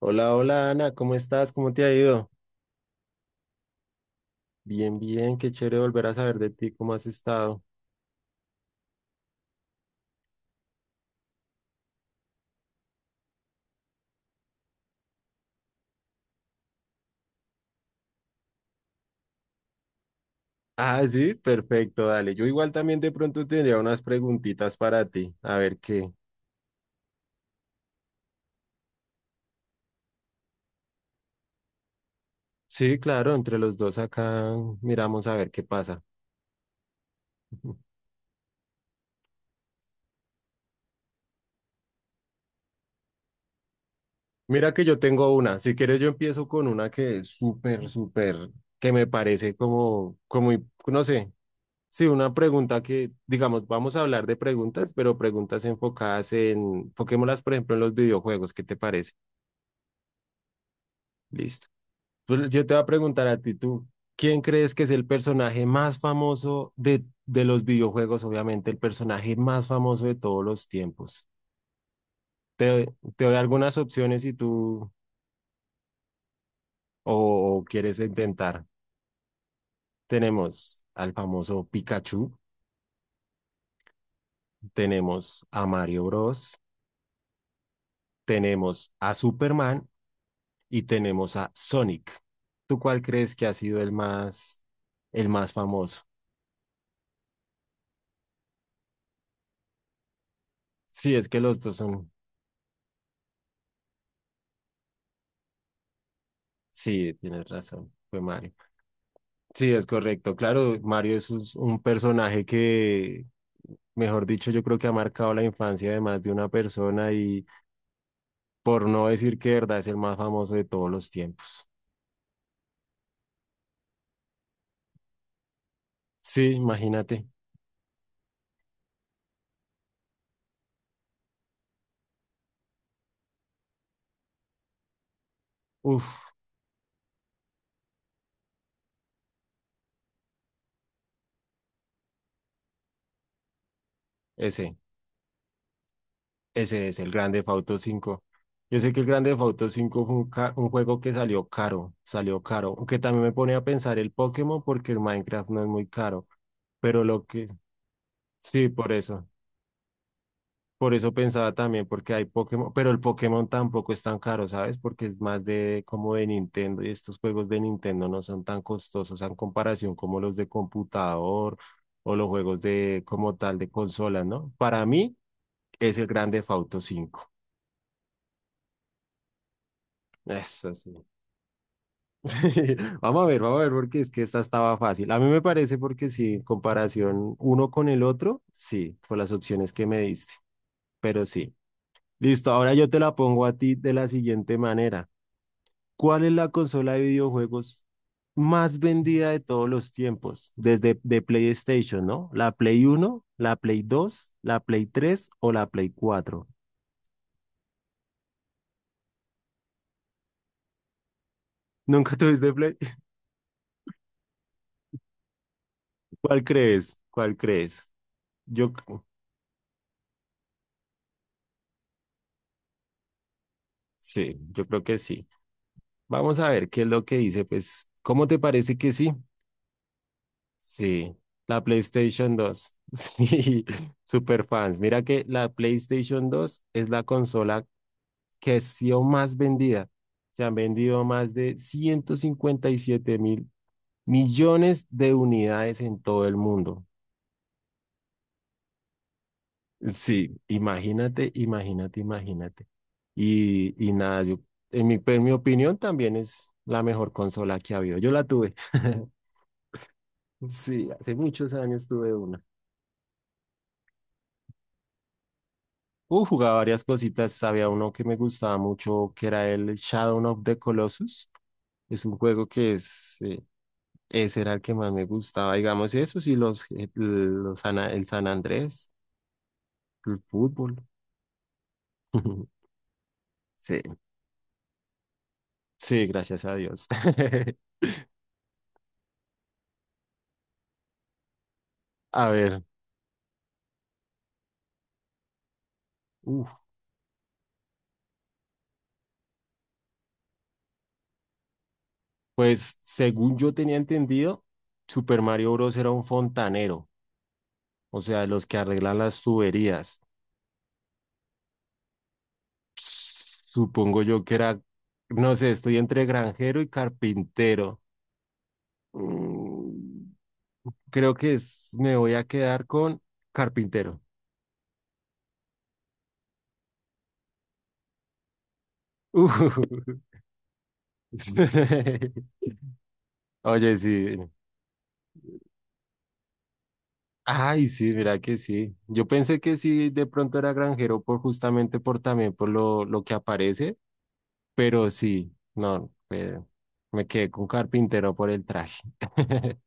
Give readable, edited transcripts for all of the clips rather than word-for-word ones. Hola, hola Ana, ¿cómo estás? ¿Cómo te ha ido? Bien, bien, qué chévere volver a saber de ti, ¿cómo has estado? Ah, sí, perfecto, dale. Yo igual también de pronto tendría unas preguntitas para ti, a ver qué. Sí, claro, entre los dos acá miramos a ver qué pasa. Mira que yo tengo una, si quieres yo empiezo con una que es súper, súper, que me parece como, no sé, sí, una pregunta que, digamos, vamos a hablar de preguntas, pero preguntas enfocadas enfoquémoslas, por ejemplo, en los videojuegos, ¿qué te parece? Listo. Pues yo te voy a preguntar a ti, tú, ¿quién crees que es el personaje más famoso de los videojuegos? Obviamente, el personaje más famoso de todos los tiempos. Te doy algunas opciones si tú o quieres intentar. Tenemos al famoso Pikachu, tenemos a Mario Bros, tenemos a Superman y tenemos a Sonic. ¿Tú cuál crees que ha sido el más famoso? Sí, es que los dos son. Sí, tienes razón, fue Mario. Sí, es correcto. Claro, Mario es un personaje que, mejor dicho, yo creo que ha marcado la infancia de más de una persona y por no decir que de verdad es el más famoso de todos los tiempos. Sí, imagínate. Uf, ese, ese es el Grande Theft Auto 5. Yo sé que el Grande Theft Auto 5 fue un juego que salió caro, aunque también me pone a pensar el Pokémon porque el Minecraft no es muy caro, pero lo que, sí, por eso. Por eso pensaba también, porque hay Pokémon, pero el Pokémon tampoco es tan caro, ¿sabes? Porque es más de como de Nintendo y estos juegos de Nintendo no son tan costosos en comparación como los de computador o los juegos de como tal de consola, ¿no? Para mí es el Grand Theft Auto 5. Eso sí. Vamos a ver, porque es que esta estaba fácil. A mí me parece porque sí, en comparación uno con el otro, sí, por las opciones que me diste, pero sí. Listo, ahora yo te la pongo a ti de la siguiente manera. ¿Cuál es la consola de videojuegos más vendida de todos los tiempos? Desde de PlayStation, ¿no? ¿La Play Uno, la Play Dos, la Play Tres o la Play Cuatro? ¿Nunca tuviste Play? ¿Cuál crees? ¿Cuál crees? Yo c- sí, yo creo que sí. Vamos a ver qué es lo que dice. Pues, ¿cómo te parece que sí? Sí, la PlayStation Dos. Sí, super fans. Mira que la PlayStation Dos es la consola que ha sido más vendida. Se han vendido más de 157 mil millones de unidades en todo el mundo. Sí, imagínate, imagínate, imagínate. Y nada, yo, en mi opinión también es la mejor consola que ha habido. Yo la tuve. Sí, hace muchos años tuve una. Jugaba varias cositas. Había uno que me gustaba mucho, que era el Shadow of the Colossus. Es un juego que es. Ese era el que más me gustaba, digamos, eso sí, el San Andrés, el fútbol. Sí, sí, gracias a Dios. A ver, uf, pues según yo tenía entendido, Super Mario Bros. Era un fontanero, o sea, los que arreglan las tuberías. Supongo yo que era, no sé, estoy entre granjero y carpintero. Mm, Creo que me voy a quedar con carpintero. Ujú. Oye, sí. Ay, sí, mira que sí. Yo pensé que sí, de pronto era granjero por justamente por también por lo que aparece, pero sí, no, me quedé con carpintero por el traje.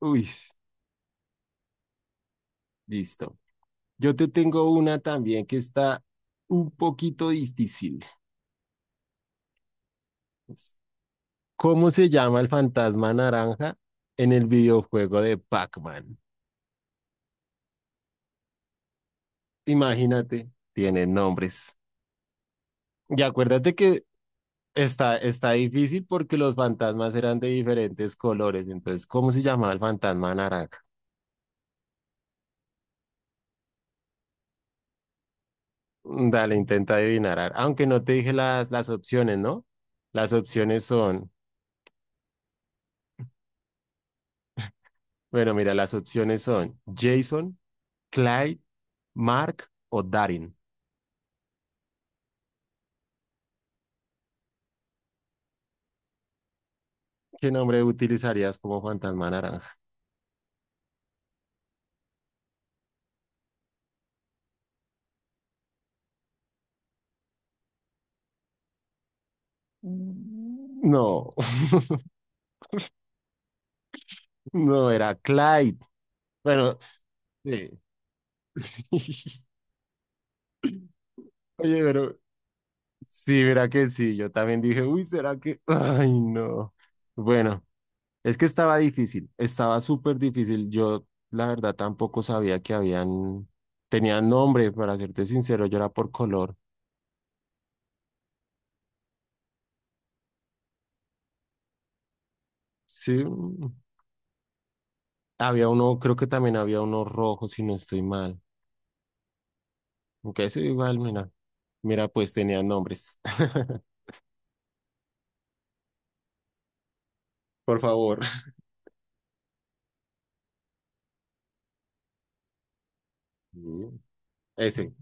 Uy, listo. Yo te tengo una también que está un poquito difícil. Es, ¿Cómo se llama el fantasma naranja en el videojuego de Pac-Man? Imagínate, tiene nombres. Y acuérdate que está difícil porque los fantasmas eran de diferentes colores. Entonces, ¿cómo se llamaba el fantasma naranja? Dale, intenta adivinar. Aunque no te dije las opciones, ¿no? Las opciones son, bueno, mira, las opciones son Jason, Clyde, Mark o Darin. ¿Qué nombre utilizarías como fantasma naranja? Mm. No, no, era Clyde. Bueno, sí. Oye, pero sí, verá que sí, yo también dije, uy, ¿será que? Ay, no. Bueno, es que estaba difícil, estaba súper difícil. Yo, la verdad, tampoco sabía que habían, tenían nombre, para serte sincero, yo era por color. Sí, había uno, creo que también había uno rojo, si no estoy mal. Aunque eso igual, mira, mira, pues tenían nombres. Por favor. Mm, Ese.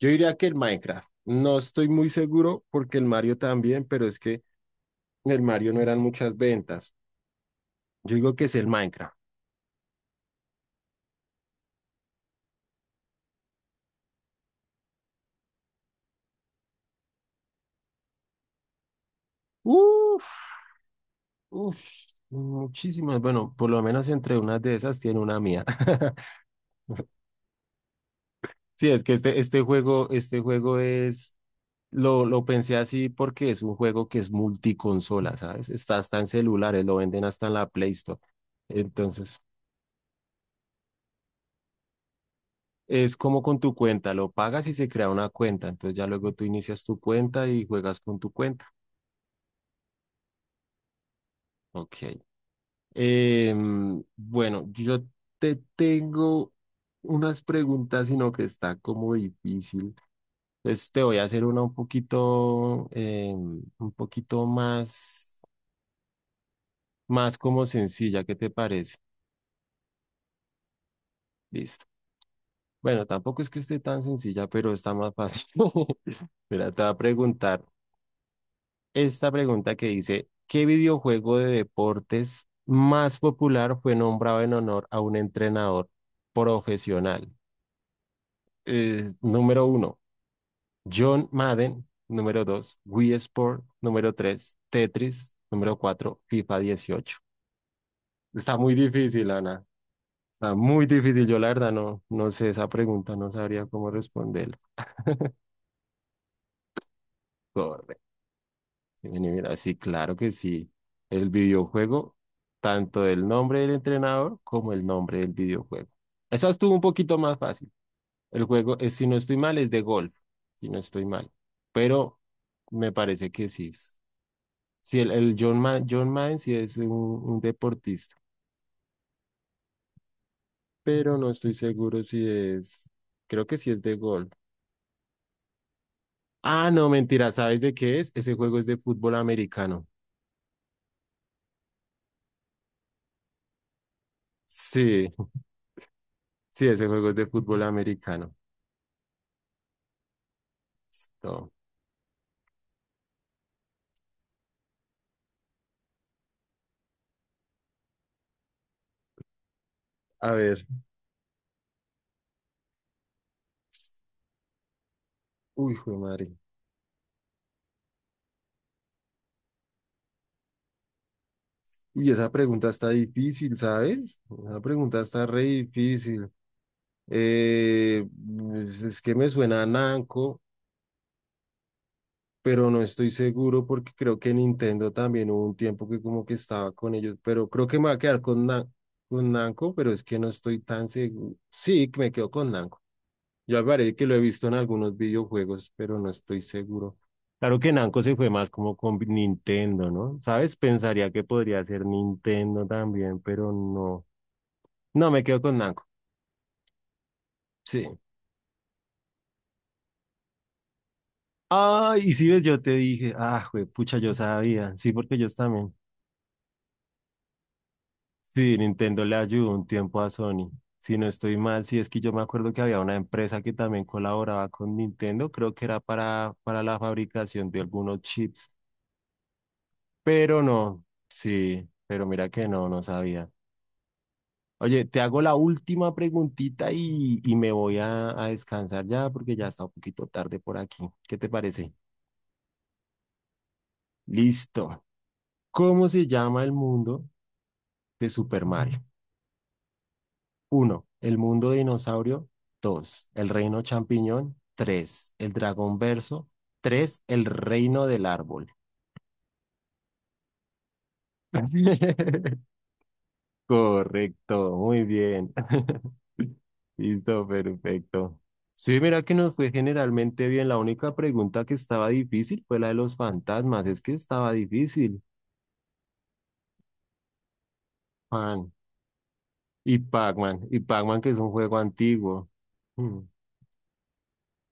Yo diría que el Minecraft. No estoy muy seguro porque el Mario también, pero es que el Mario no eran muchas ventas. Yo digo que es el Minecraft. Uf, uf, muchísimas. Bueno, por lo menos entre unas de esas tiene una mía. Sí, es que este juego, este juego es, lo pensé así porque es un juego que es multiconsola, ¿sabes? Está hasta en celulares, lo venden hasta en la Play Store. Entonces, es como con tu cuenta, lo pagas y se crea una cuenta. Entonces ya luego tú inicias tu cuenta y juegas con tu cuenta. Ok. Bueno, yo te tengo unas preguntas, sino que está como difícil. Entonces te voy a hacer una un poquito, un poquito más, como sencilla. ¿Qué te parece? Listo. Bueno, tampoco es que esté tan sencilla, pero está más fácil. Mira, te voy a preguntar esta pregunta que dice, ¿qué videojuego de deportes más popular fue nombrado en honor a un entrenador profesional? Número uno, John Madden. Número dos, Wii Sport. Número tres, Tetris. Número cuatro, FIFA 18. Está muy difícil, Ana. Está muy difícil. Yo, la verdad, no, no sé esa pregunta, no sabría cómo responder. Correcto. Vení, mira, sí, claro que sí. El videojuego, tanto el nombre del entrenador como el nombre del videojuego. Esa estuvo un poquito más fácil. El juego, es, si no estoy mal, es de golf, si no estoy mal. Pero me parece que sí. Sí, el John Maine sí es un deportista, pero no estoy seguro si es, creo que sí es de golf. Ah, no, mentira, ¿sabes de qué es? Ese juego es de fútbol americano. Sí, sí, ese juego es de fútbol americano. Listo. A ver. Uy, jue madre. Uy, esa pregunta está difícil, ¿sabes? Esa pregunta está re difícil. Eh, pues, es que me suena a Nanco. Pero no estoy seguro porque creo que Nintendo también hubo un tiempo que como que estaba con ellos, pero creo que me va a quedar con Namco, pero es que no estoy tan seguro. Sí, que me quedo con Namco. Yo me parece que lo he visto en algunos videojuegos, pero no estoy seguro. Claro que Namco se fue más como con Nintendo, ¿no? ¿Sabes? Pensaría que podría ser Nintendo también, pero no. No, me quedo con Namco. Sí. Ah, y si ves, yo te dije, ah, pucha, yo sabía. Sí, porque ellos también. Sí, Nintendo le ayudó un tiempo a Sony. Si no estoy mal, sí es que yo me acuerdo que había una empresa que también colaboraba con Nintendo, creo que era para la fabricación de algunos chips, pero no, sí, pero mira que no, no sabía. Oye, te hago la última preguntita y me voy a descansar ya porque ya está un poquito tarde por aquí. ¿Qué te parece? Listo. ¿Cómo se llama el mundo de Super Mario? Uno, El mundo dinosaurio. 2, El reino champiñón. 3, El dragón verso. 3, El reino del árbol. Correcto, muy bien. Listo, perfecto. Sí, mira que nos fue generalmente bien. La única pregunta que estaba difícil fue la de los fantasmas. Es que estaba difícil, man. Y Pac-Man. Y Pac-Man, que es un juego antiguo. Mm.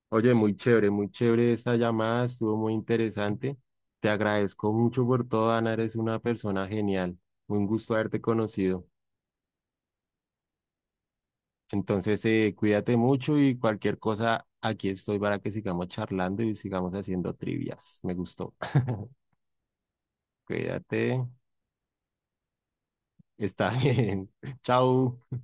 Oye, muy chévere esta llamada, estuvo muy interesante. Te agradezco mucho por todo, Ana, eres una persona genial. Un gusto haberte conocido. Entonces, cuídate mucho y cualquier cosa, aquí estoy para que sigamos charlando y sigamos haciendo trivias. Me gustó. Cuídate, está bien. Chao.